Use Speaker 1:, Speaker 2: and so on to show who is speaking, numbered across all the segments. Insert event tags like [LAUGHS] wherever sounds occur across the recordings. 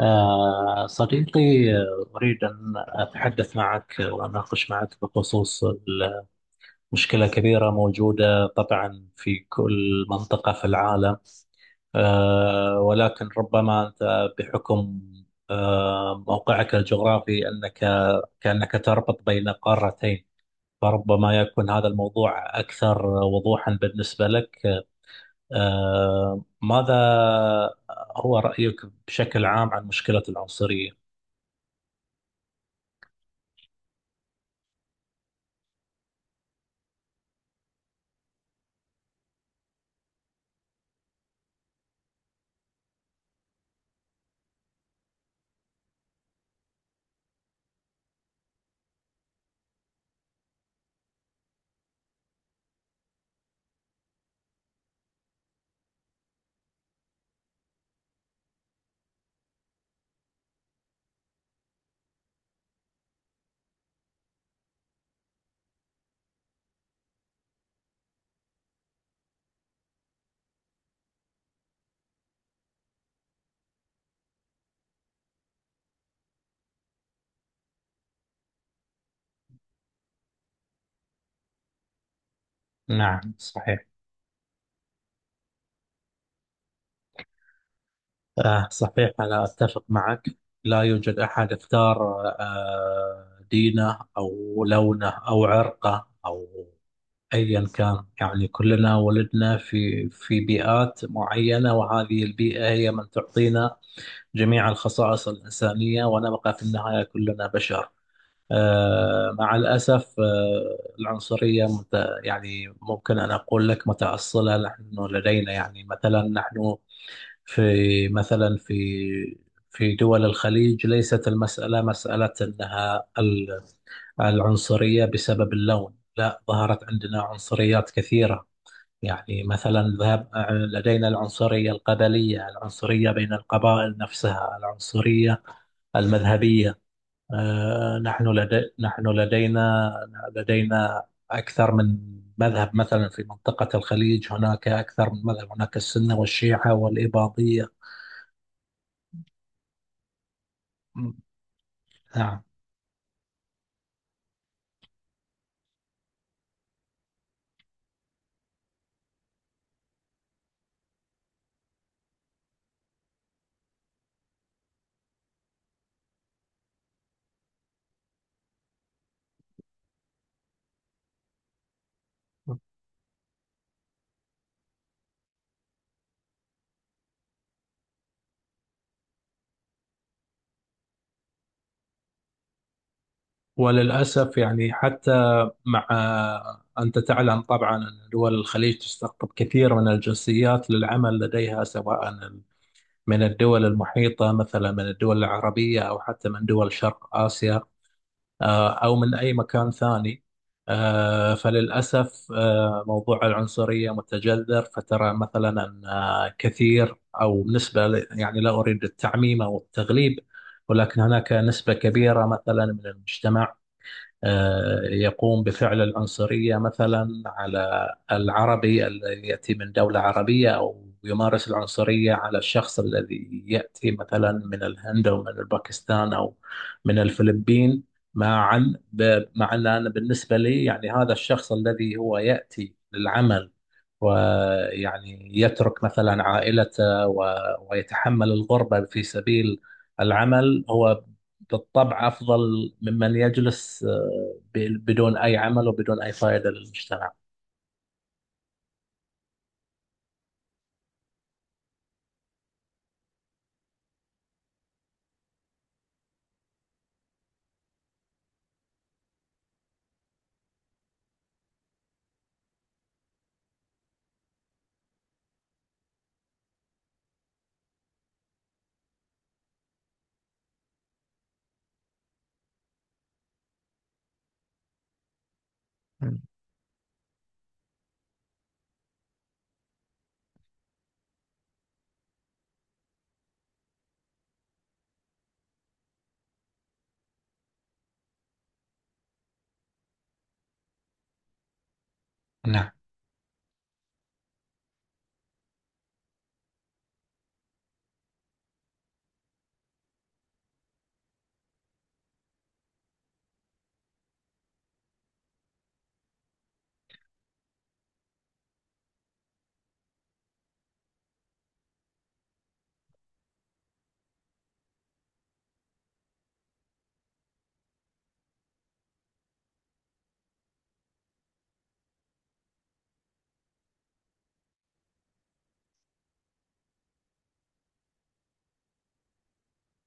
Speaker 1: صديقي. أريد أن أتحدث معك وأناقش معك بخصوص مشكلة كبيرة موجودة طبعا في كل منطقة في العالم، ولكن ربما أنت بحكم موقعك الجغرافي، أنك كأنك تربط بين قارتين، فربما يكون هذا الموضوع أكثر وضوحا بالنسبة لك. ماذا هو رأيك بشكل عام عن مشكلة العنصرية؟ نعم صحيح. آه صحيح، أنا أتفق معك. لا يوجد أحد اختار آه دينه أو لونه أو عرقه أو أيا كان، يعني كلنا ولدنا في بيئات معينة، وهذه البيئة هي من تعطينا جميع الخصائص الإنسانية، ونبقى في النهاية كلنا بشر. آه مع الأسف آه العنصرية يعني ممكن أن أقول لك متأصلة. نحن لدينا، يعني مثلا نحن في، مثلا في، في دول الخليج، ليست المسألة مسألة أنها العنصرية بسبب اللون، لا، ظهرت عندنا عنصريات كثيرة، يعني مثلا ذهب، لدينا العنصرية القبلية، العنصرية بين القبائل نفسها، العنصرية المذهبية. نحن لدينا، لدينا أكثر من مذهب، مثلا في منطقة الخليج هناك أكثر من مذهب، هناك السنة والشيعة والإباضية. نعم. وللأسف يعني حتى مع، أنت تعلم طبعا أن دول الخليج تستقطب كثير من الجنسيات للعمل لديها، سواء من الدول المحيطة، مثلا من الدول العربية، أو حتى من دول شرق آسيا، أو من أي مكان ثاني. فللأسف، موضوع العنصرية متجذر، فترى مثلا أن كثير أو نسبة يعني لا أريد التعميم أو التغليب، ولكن هناك نسبة كبيرة مثلا من المجتمع يقوم بفعل العنصرية، مثلا على العربي الذي يأتي من دولة عربية، أو يمارس العنصرية على الشخص الذي يأتي مثلا من الهند أو من باكستان أو من الفلبين. معا مع أن أنا بالنسبة لي يعني هذا الشخص الذي هو يأتي للعمل ويعني يترك مثلا عائلته ويتحمل الغربة في سبيل العمل، هو بالطبع أفضل ممن يجلس بدون أي عمل وبدون أي فائدة للمجتمع. نعم.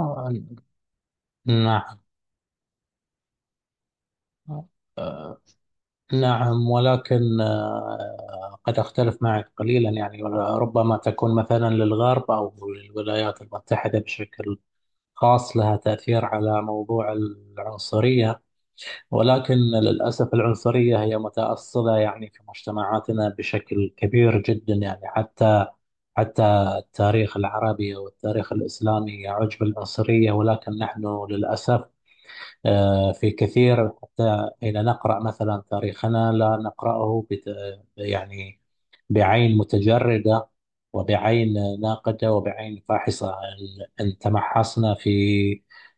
Speaker 1: آه، نعم. نعم ولكن، قد أختلف معك قليلا، يعني ربما تكون مثلا للغرب أو للولايات المتحدة بشكل خاص لها تأثير على موضوع العنصرية، ولكن للأسف العنصرية هي متأصلة يعني في مجتمعاتنا بشكل كبير جدا، يعني حتى، حتى التاريخ العربي والتاريخ الإسلامي يعج بالعنصرية، ولكن نحن للأسف في كثير، حتى حين نقرأ مثلا تاريخنا لا نقرأه يعني بعين متجردة وبعين ناقدة وبعين فاحصة. إن تمحصنا في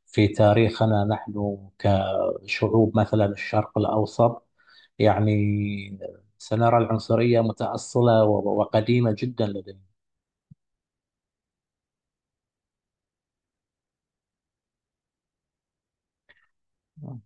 Speaker 1: في تاريخنا نحن كشعوب، مثلا الشرق الأوسط، يعني سنرى العنصرية متأصلة وقديمة جدا. لدينا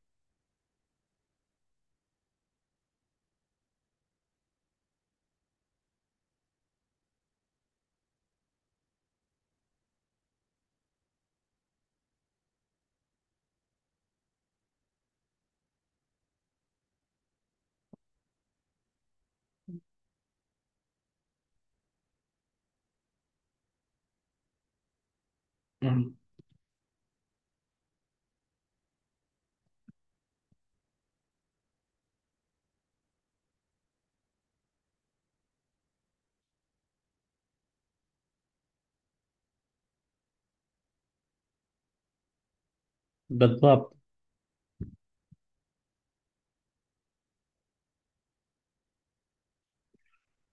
Speaker 1: بالضبط،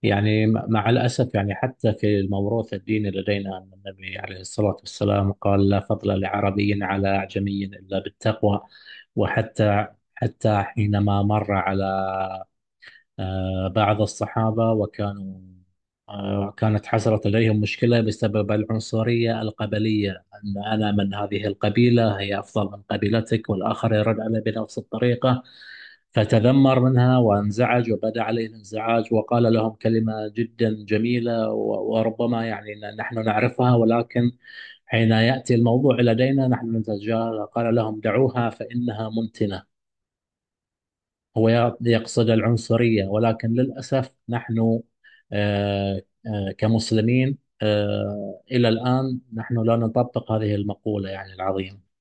Speaker 1: يعني مع الأسف يعني، حتى في الموروث الديني لدينا أن النبي عليه الصلاة والسلام قال: لا فضل لعربي على أعجمي إلا بالتقوى. وحتى، حتى حينما مر على بعض الصحابة، وكانوا كانت حصلت لديهم مشكلة بسبب العنصرية القبلية، أن أنا من هذه القبيلة هي أفضل من قبيلتك، والآخر يرد علي بنفس الطريقة، فتذمر منها وانزعج وبدا عليه الانزعاج، وقال لهم كلمة جدا جميلة وربما يعني نحن نعرفها، ولكن حين يأتي الموضوع لدينا نحن نتجاهلها، قال لهم: دعوها فإنها منتنة. هو يقصد العنصرية، ولكن للأسف نحن آه، كمسلمين، إلى الآن نحن لا نطبق هذه المقولة يعني العظيمة.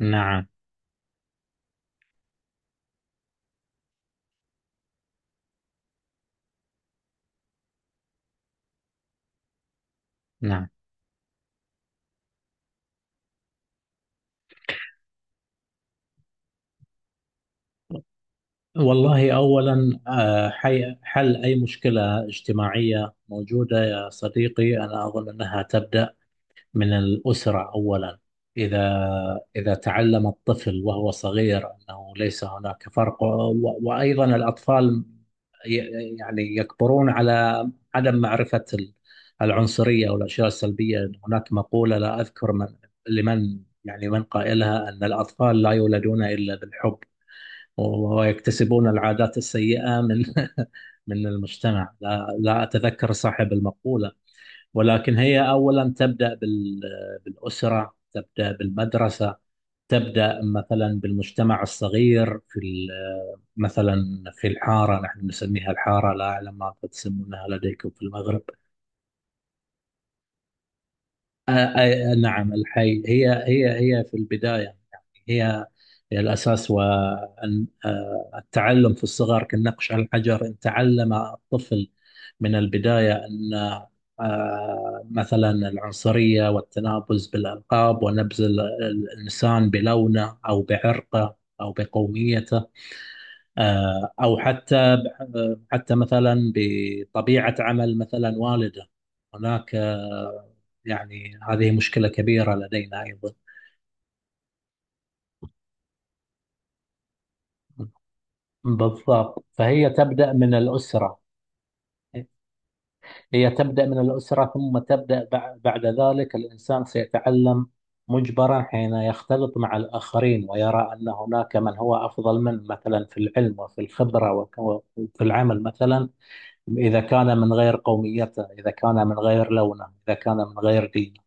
Speaker 1: نعم. نعم. والله أولا، حل أي مشكلة اجتماعية موجودة، يا صديقي، أنا أظن أنها تبدأ من الأسرة أولا. إذا إذا تعلم الطفل وهو صغير أنه ليس هناك فرق، وأيضا الأطفال يعني يكبرون على عدم معرفة العنصرية والأشياء السلبية. هناك مقولة لا أذكر لمن، يعني من قائلها، أن الأطفال لا يولدون إلا بالحب، ويكتسبون العادات السيئة من [LAUGHS] من المجتمع. لا أتذكر صاحب المقولة، ولكن هي أولا تبدأ بالأسرة، تبدأ بالمدرسة، تبدأ مثلا بالمجتمع الصغير في مثلا في الحارة. نحن نسميها الحارة، لا أعلم ما تسمونها لديكم في المغرب. نعم، الحي. هي هي في البداية، يعني هي هي الأساس. والتعلم في الصغر كالنقش على الحجر. إن تعلم الطفل من البداية أن مثلا العنصرية والتنابز بالألقاب ونبذ الإنسان بلونه أو بعرقه أو بقوميته، أو حتى، حتى مثلا بطبيعة عمل مثلا والده، هناك يعني هذه مشكلة كبيرة لدينا أيضا. بالضبط، فهي تبدأ من الأسرة. هي تبدأ من الأسرة، ثم تبدأ بعد ذلك الإنسان سيتعلم مجبرا حين يختلط مع الآخرين ويرى أن هناك من هو أفضل منه، مثلا في العلم وفي الخبرة وفي العمل مثلا، إذا كان من غير قوميته، إذا كان من غير لونه، إذا كان من غير دينه.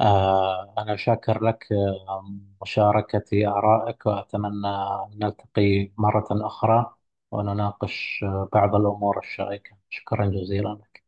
Speaker 1: آه أنا شاكر لك مشاركتي آرائك، وأتمنى أن نلتقي مرة أخرى ونناقش بعض الأمور الشائكة. شكرا جزيلا لك.